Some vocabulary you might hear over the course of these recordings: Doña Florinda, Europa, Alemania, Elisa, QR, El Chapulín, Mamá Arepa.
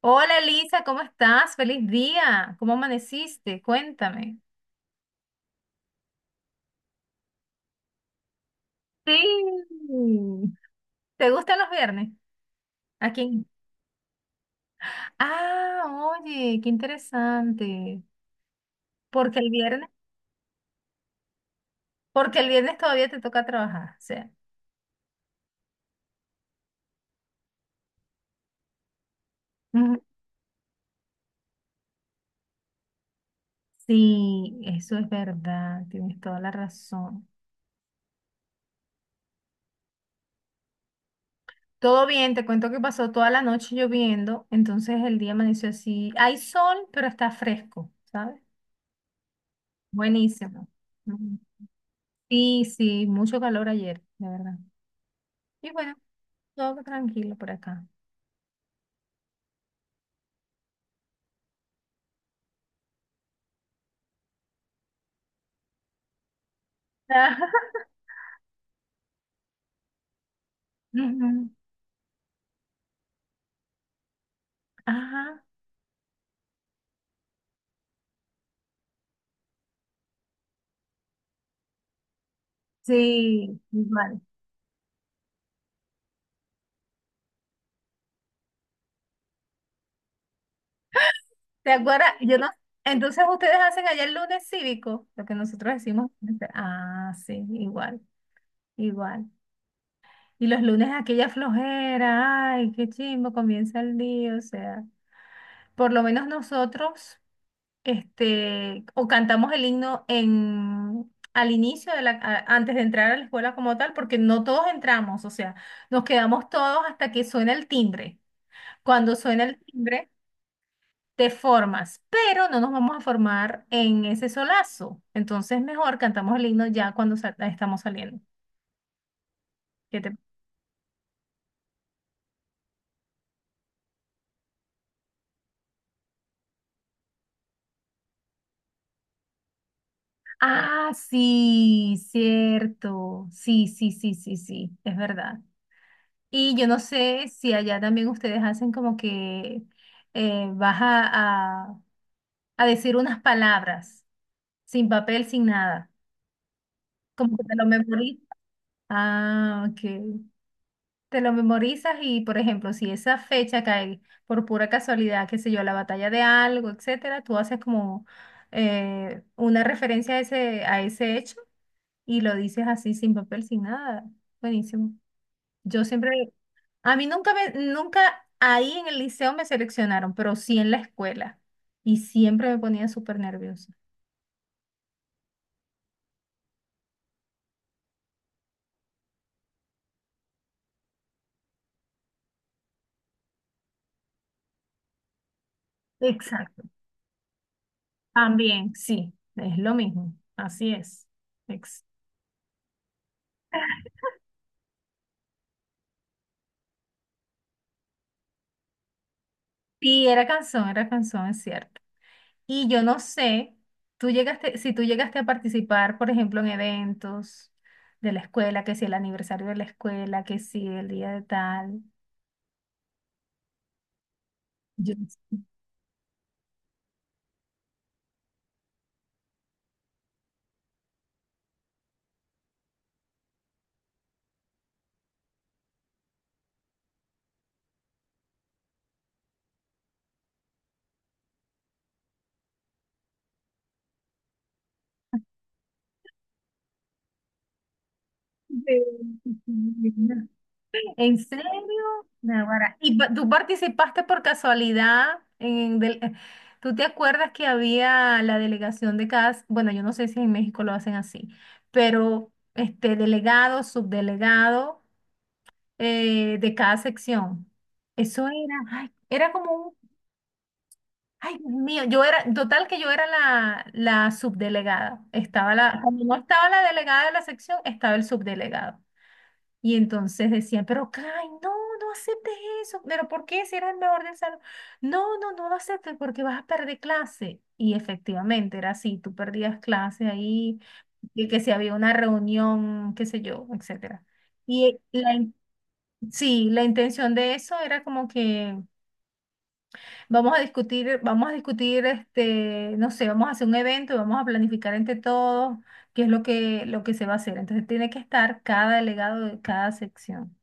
Hola Elisa, ¿cómo estás? Feliz día. ¿Cómo amaneciste? Cuéntame. Sí. ¿Te gustan los viernes? ¿A quién? Ah, oye, qué interesante. Porque el viernes, porque el viernes todavía te toca trabajar. O sea, ujú. Sí, eso es verdad. Tienes toda la razón. Todo bien, te cuento que pasó toda la noche lloviendo, entonces el día amaneció así. Hay sol, pero está fresco, ¿sabes? Buenísimo. Sí, sí, mucho calor ayer, de verdad. Y bueno, todo tranquilo por acá. Ujú, ajá, sí, igual. ¿Te acuerdas? Yo no. Entonces ustedes hacen allá el lunes cívico, lo que nosotros decimos. Ah, sí, igual, igual. Y los lunes aquella flojera, ay, qué chimbo, comienza el día, o sea, por lo menos nosotros. O cantamos el himno en, al inicio de la, antes de entrar a la escuela como tal, porque no todos entramos, o sea, nos quedamos todos hasta que suena el timbre. Cuando suena el timbre, te formas, pero no nos vamos a formar en ese solazo. Entonces, mejor cantamos el himno ya cuando estamos saliendo. ¿Qué te- Ah, sí, cierto. Sí, sí, sí, sí, sí, es verdad. Y yo no sé si allá también ustedes hacen como que vas a, a decir unas palabras, sin papel, sin nada, como que te lo memorizas. Ah, ok. Te lo memorizas y, por ejemplo, si esa fecha cae por pura casualidad, qué sé yo, la batalla de algo, etcétera, tú haces como una referencia a ese hecho y lo dices así, sin papel, sin nada. Buenísimo. Yo siempre a mí nunca ahí en el liceo me seleccionaron, pero sí en la escuela. Y siempre me ponía súper nerviosa. Exacto. También, sí, es lo mismo. Así es. Ex- Sí, era canción, es cierto. Y yo no sé, tú llegaste, si tú llegaste a participar, por ejemplo, en eventos de la escuela, que si el aniversario de la escuela, que si el día de tal. Yo no sé. ¿En serio? Naguará. ¿Y tú participaste por casualidad en ¿tú te acuerdas que había la delegación de cada, bueno, yo no sé si en México lo hacen así, pero este delegado, subdelegado de cada sección? Eso era, ay, era como un, ay, Dios mío, yo era, total que yo era la, la subdelegada. Estaba la, cuando no estaba la delegada de la sección, estaba el subdelegado. Y entonces decían, pero Kai, no, no aceptes eso. ¿Pero por qué si eres el mejor del salón? No, no, no lo aceptes porque vas a perder clase. Y efectivamente era así, tú perdías clase ahí, y que si había una reunión, qué sé yo, etcétera. Y la, sí, la intención de eso era como que vamos a discutir, no sé, vamos a hacer un evento, y vamos a planificar entre todos qué es lo que se va a hacer. Entonces tiene que estar cada delegado de cada sección.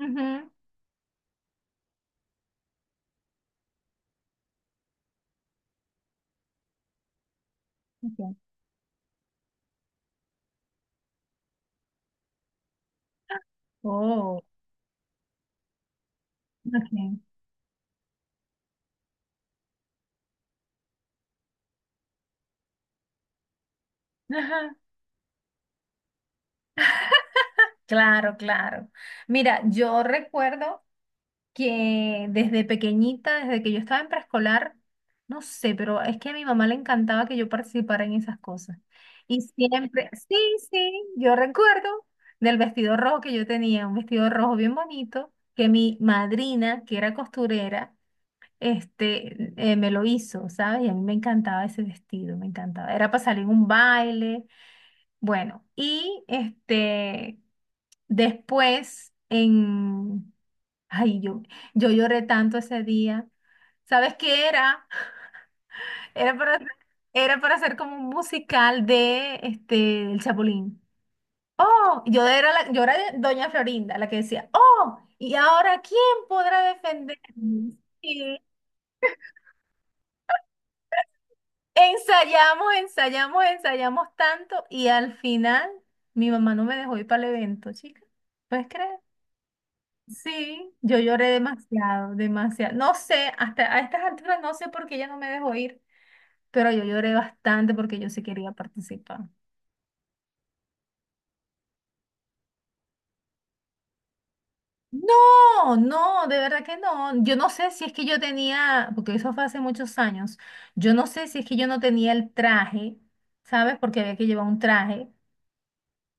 Ujú. Ok. Oh, ok. Ajá. Claro, claro. Mira, yo recuerdo que desde pequeñita, desde que yo estaba en preescolar, no sé, pero es que a mi mamá le encantaba que yo participara en esas cosas. Y siempre, sí, sí, yo recuerdo del vestido rojo que yo tenía, un vestido rojo bien bonito, que mi madrina, que era costurera, me lo hizo, ¿sabes? Y a mí me encantaba ese vestido, me encantaba. Era para salir a un baile. Bueno, y después en, ay, yo lloré tanto ese día. ¿Sabes qué era? Era para, era para hacer como un musical de El Chapulín. Oh, yo era la, yo era Doña Florinda, la que decía, oh, ¿y ahora quién podrá defenderme? Y ensayamos, ensayamos, ensayamos tanto y al final mi mamá no me dejó ir para el evento, chica. ¿Puedes creer? Sí, yo lloré demasiado, demasiado. No sé, hasta a estas alturas no sé por qué ella no me dejó ir, pero yo lloré bastante porque yo sí quería participar. No, no, de verdad que no. Yo no sé si es que yo tenía, porque eso fue hace muchos años, yo no sé si es que yo no tenía el traje, ¿sabes? Porque había que llevar un traje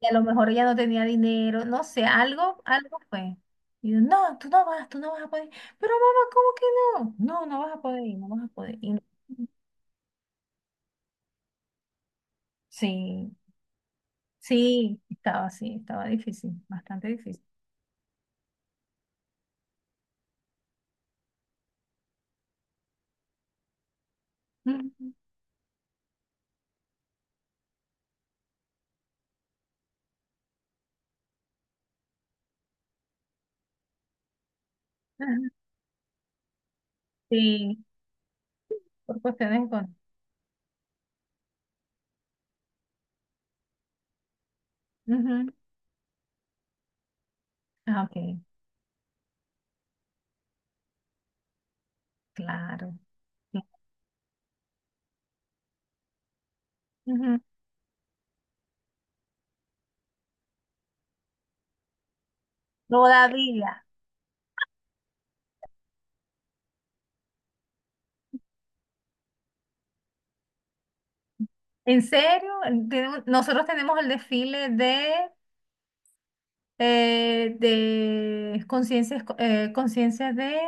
y a lo mejor ella no tenía dinero, no sé, algo, algo fue. Y yo, no, tú no vas a poder. Pero mamá, ¿cómo que no? No, no vas a poder ir, no vas a poder ir. Sí. Sí, estaba difícil, bastante difícil. Ujú. Ajá, sí, por cuestiones con. Ujú. Ah, ok, claro. Sí. Ujú. Todavía. ¿En serio? Tenemos- nosotros tenemos el desfile de conciencias, conciencias de,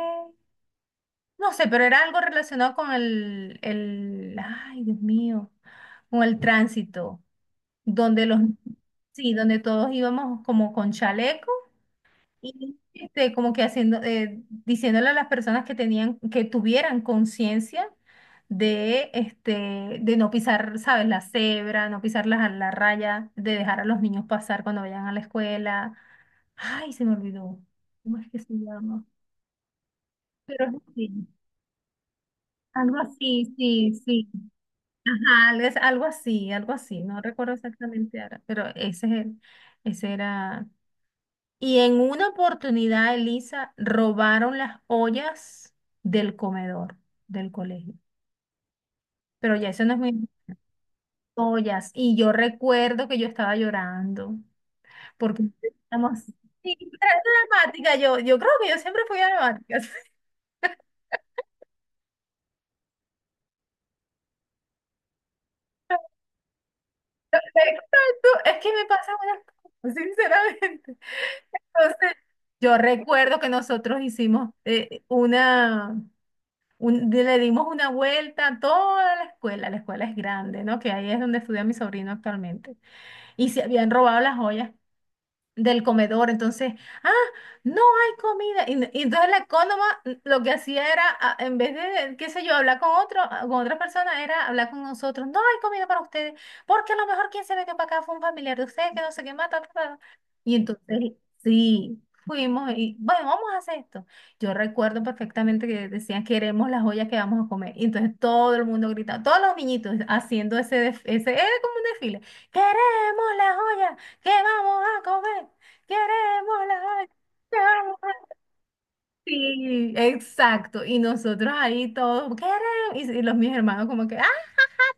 no sé, pero era algo relacionado con el, ay, Dios mío, con el tránsito, donde los, sí, donde todos íbamos como con chaleco. Y como que haciendo, diciéndole a las personas que tenían, que tuvieran conciencia de, de no pisar, ¿sabes? La cebra, no pisar la, la raya, de dejar a los niños pasar cuando vayan a la escuela. Ay, se me olvidó. ¿Cómo es que se llama? Pero es así. Algo así, sí, sí. Ajá, es algo así, algo así. No recuerdo exactamente ahora, pero ese es ese era. Y en una oportunidad, Elisa, robaron las ollas del comedor del colegio. Pero ya eso no es mis ollas. Y yo recuerdo que yo estaba llorando porque estamos sí, dramática. Yo creo que yo siempre fui dramática. Exacto, es que me pasan unas cosas, sinceramente. Entonces, yo recuerdo que nosotros hicimos le dimos una vuelta a toda la escuela es grande, ¿no? Que ahí es donde estudia mi sobrino actualmente. Y se habían robado las joyas del comedor. Entonces, ah, no hay comida. Y entonces la ecónoma lo que hacía era, ah, en vez de, qué sé yo, hablar con otro, ah, con otra persona, era hablar con nosotros. No hay comida para ustedes, porque a lo mejor quien se metió para acá fue un familiar de ustedes que no sé qué mata. Ta, ta, ta". Y entonces, sí. Fuimos y, bueno, vamos a hacer esto. Yo recuerdo perfectamente que decían, queremos las ollas que vamos a comer. Y entonces todo el mundo gritaba, todos los niñitos haciendo ese, ese, era como un desfile, queremos las ollas. ¿Qué vamos a comer? Queremos la vaina, ¿qué vamos a-". Sí, exacto. Y nosotros ahí todos, queremos. Y los mis hermanos como que, ah,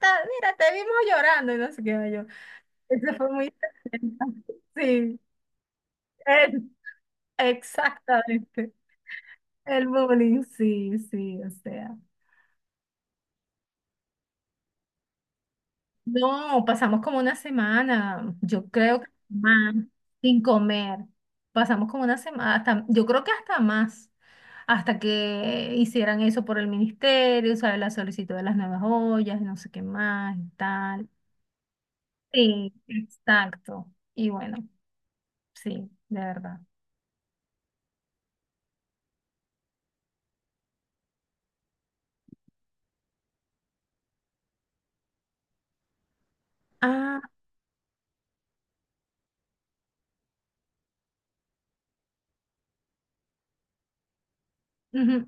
ta- mira, te vimos llorando y no sé qué yo. Eso fue muy... Sí, es- exactamente. El bullying, sí, sí, o sea. No, pasamos como una semana, yo creo que más, sin comer. Pasamos como una semana, hasta, yo creo que hasta más, hasta que hicieran eso por el ministerio, ¿sabes? La solicitud de las nuevas ollas, no sé qué más y tal. Sí, exacto. Y bueno, sí, de verdad. Ah, ujú,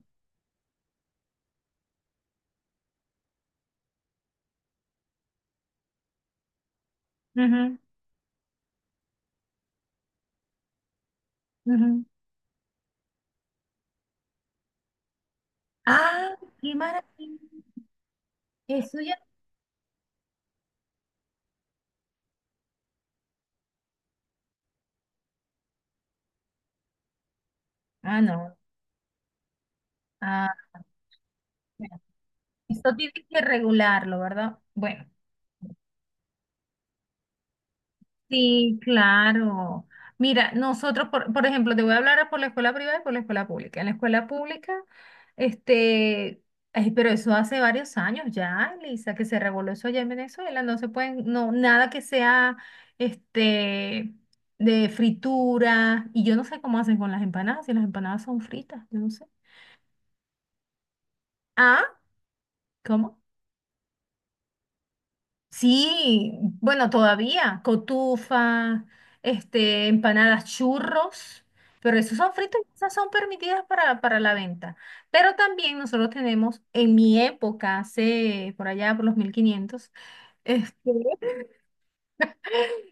ujú, ujú. Ah, qué maravilla. Eso ya. Ah, no. Ah, bueno, esto tiene que regularlo, ¿verdad? Bueno. Sí, claro. Mira, nosotros, por ejemplo, te voy a hablar por la escuela privada y por la escuela pública. En la escuela pública, este, ay, pero eso hace varios años ya, Lisa, que se reguló eso allá en Venezuela. No se pueden, no, nada que sea, este, de fritura. Y yo no sé cómo hacen con las empanadas, si las empanadas son fritas, yo no sé. Ah, ¿cómo? Sí, bueno, todavía, cotufa, empanadas churros, pero esos son fritos y esas son permitidas para la venta. Pero también nosotros tenemos, en mi época, hace por allá por los 1500, este,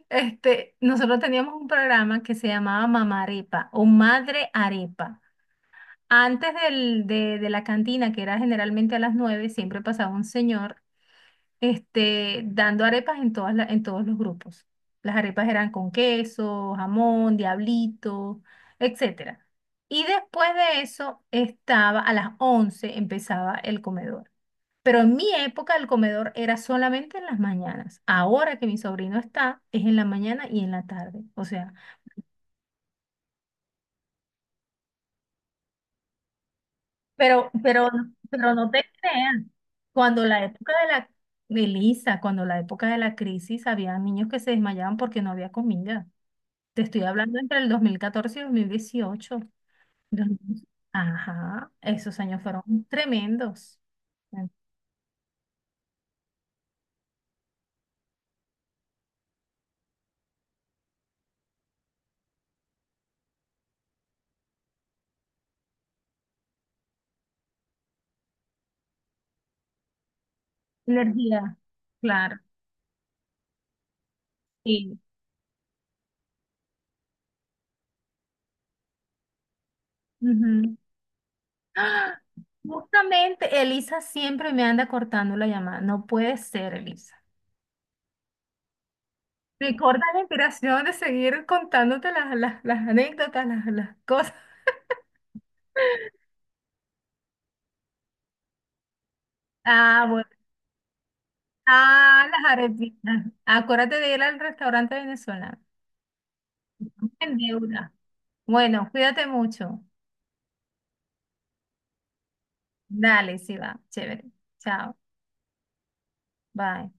nosotros teníamos un programa que se llamaba Mamá Arepa o Madre Arepa. Antes de la cantina, que era generalmente a las 9 siempre pasaba un señor dando arepas en todas en todos los grupos. Las arepas eran con queso, jamón, diablito, etcétera. Y después de eso estaba a las 11 empezaba el comedor. Pero en mi época el comedor era solamente en las mañanas. Ahora que mi sobrino está, es en la mañana y en la tarde. O sea, pero, pero, pero no te creas. Cuando la época de la, de Lisa, cuando la época de la crisis, había niños que se desmayaban porque no había comida. Te estoy hablando entre el 2014 y 2018. Dos- mil- Ajá, esos años fueron tremendos. Energía, claro. Sí. Ujú. ¡Ah! Justamente Elisa siempre me anda cortando la llamada. No puede ser, Elisa. Me corta la inspiración de seguir contándote las anécdotas, las cosas. Ah, bueno. Ah, las arepitas. Acuérdate de ir al restaurante venezolano. En deuda. Bueno, cuídate mucho. Dale, sí va. Chévere. Chao. Bye.